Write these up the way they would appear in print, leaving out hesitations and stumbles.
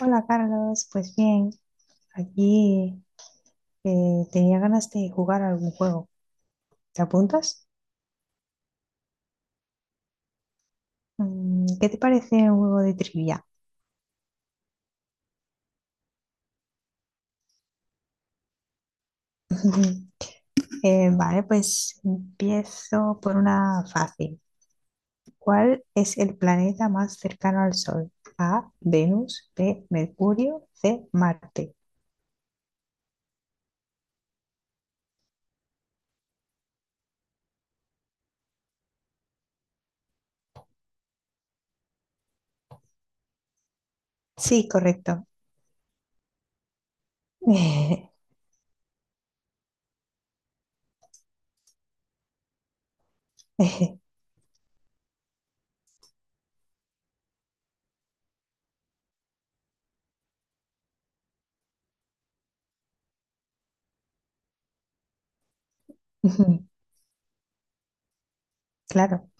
Hola Carlos, pues bien, aquí tenía ganas de jugar algún juego. ¿Te apuntas? ¿Qué te parece un juego de trivia? Vale, pues empiezo por una fácil. ¿Cuál es el planeta más cercano al Sol? A, Venus, B, Mercurio, C, Marte. Sí, correcto. Claro.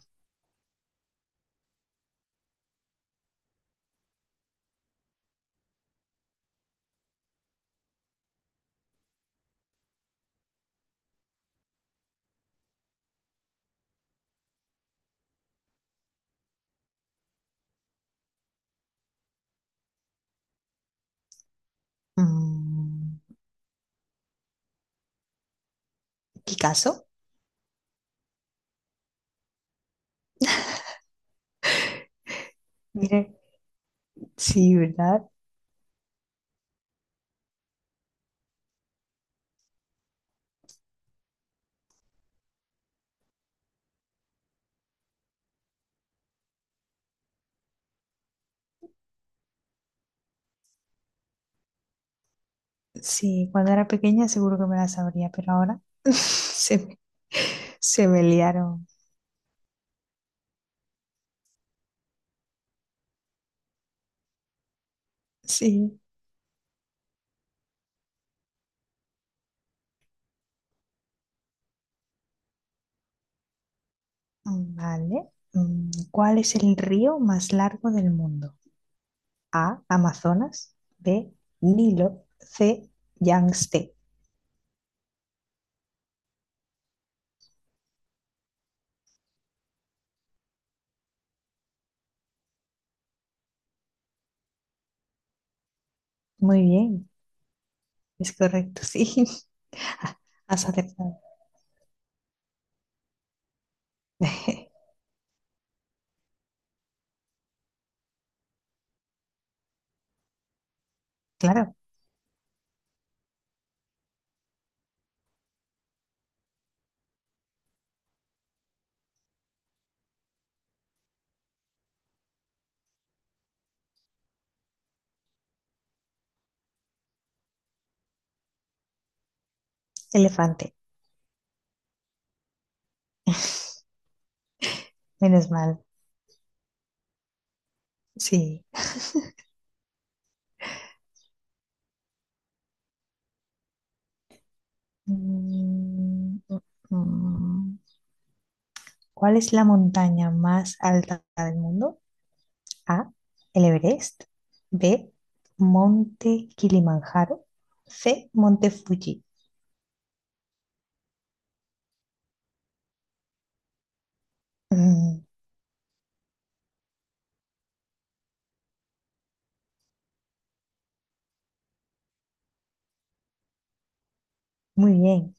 Mm, ¿Qué caso? Mire, sí, ¿verdad? Sí, cuando era pequeña seguro que me la sabría, pero ahora se me liaron. Sí, vale. ¿Cuál es el río más largo del mundo? A, Amazonas, B, Nilo, C, Yangtze. Muy bien, es correcto, sí. Has acertado. Claro, elefante, menos mal, sí. Mm, mm, mm. ¿Cuál es la montaña más alta del mundo? A. El Everest. B. Monte Kilimanjaro. C. Monte Fuji. Mm, muy bien.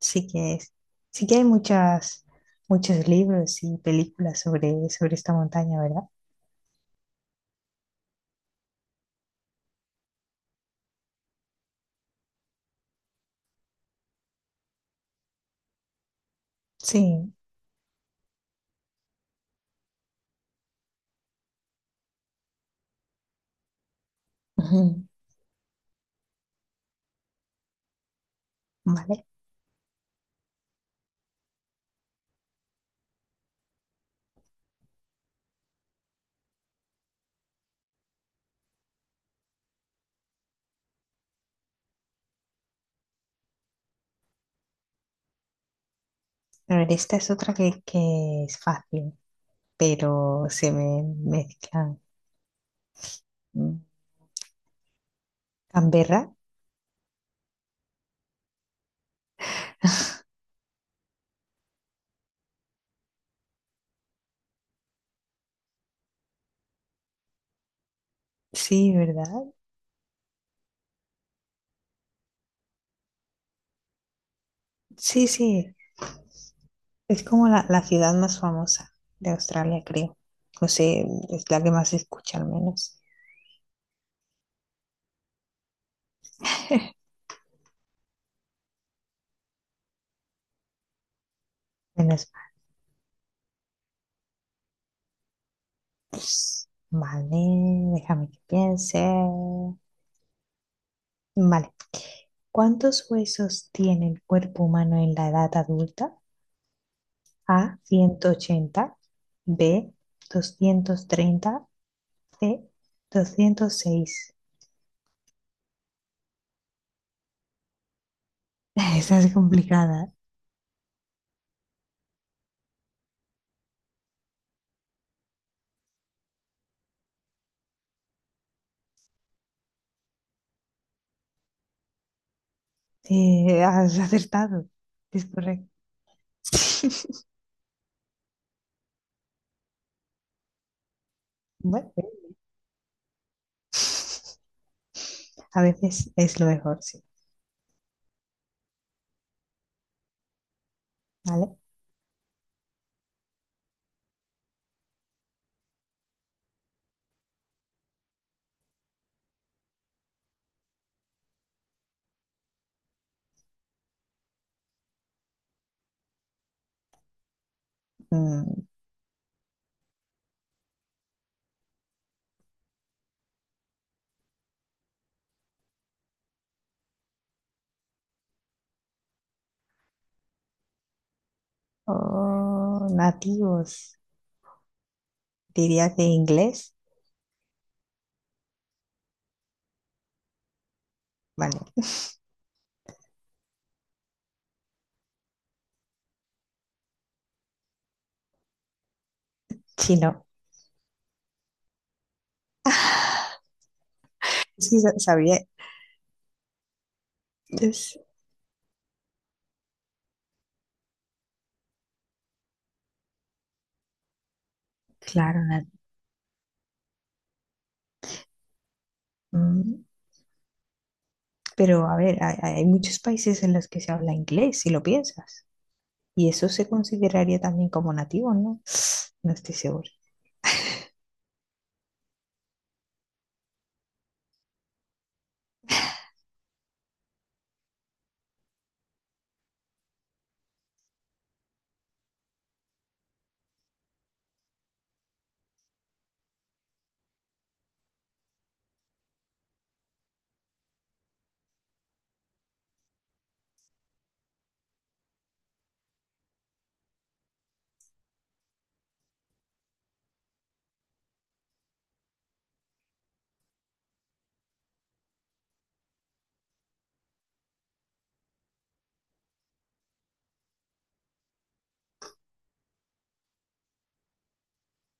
Sí que es. Sí que hay muchas, muchos libros y películas sobre, sobre esta montaña, ¿verdad? Sí. Ujú. Vale. A ver, esta es otra que es fácil, pero se me mezclan. Mm. Canberra. Sí, ¿verdad? Sí, sí. Es como la ciudad más famosa de Australia, creo. No sé, es la que más se escucha al menos en España. Pues, vale, déjame que piense. Vale. ¿Cuántos huesos tiene el cuerpo humano en la edad adulta? A, 180. B, 230. C, 206. Esa es complicada. Has acertado. Es correcto. Bueno. A veces es lo mejor, sí. ¿Vale? Mm, oh, nativos, diría que inglés. Vale, chino. Sí, sabía. es- claro, mm, pero a ver, hay muchos países en los que se habla inglés, si lo piensas. Y eso se consideraría también como nativo, ¿no? No estoy segura.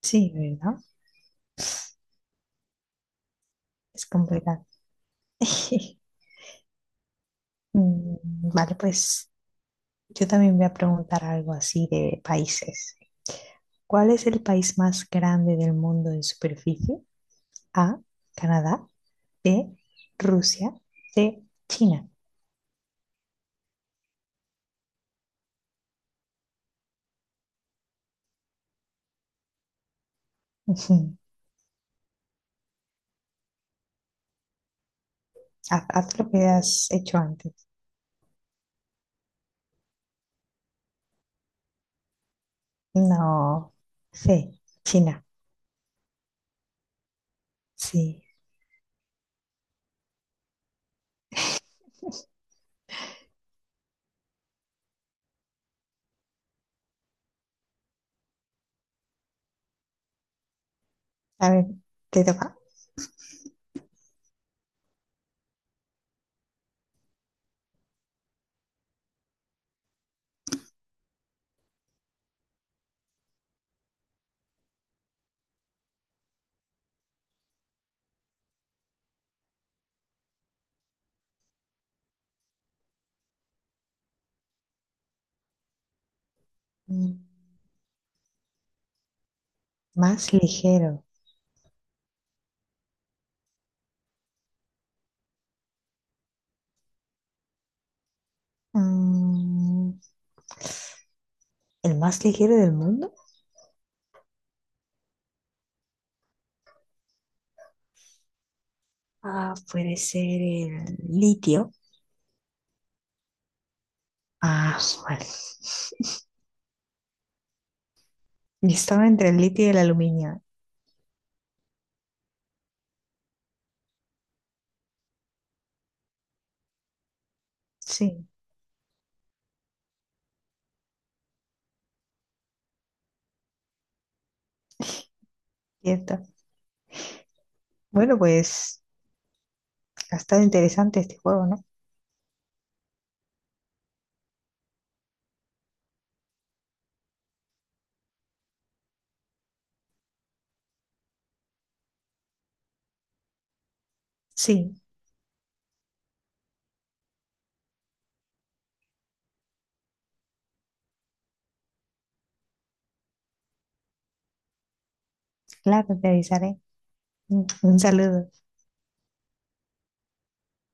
Sí, ¿verdad? Es complicado. Mm, vale, pues yo también voy a preguntar algo así de países. ¿Cuál es el país más grande del mundo en superficie? A, Canadá. B, Rusia. C, China. Ujú. Haz lo que has hecho antes. No. C, China. Sí. A ver, ¿te toca? Mm, Más ligero. Mm, ¿El más ligero del mundo? Ah, puede ser el litio. Ah, vale. Yo estaba entre el litio y el aluminio. Sí, cierto. Bueno, pues ha estado interesante este juego, ¿no? Sí, claro, te avisaré. Un saludo.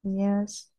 Adiós.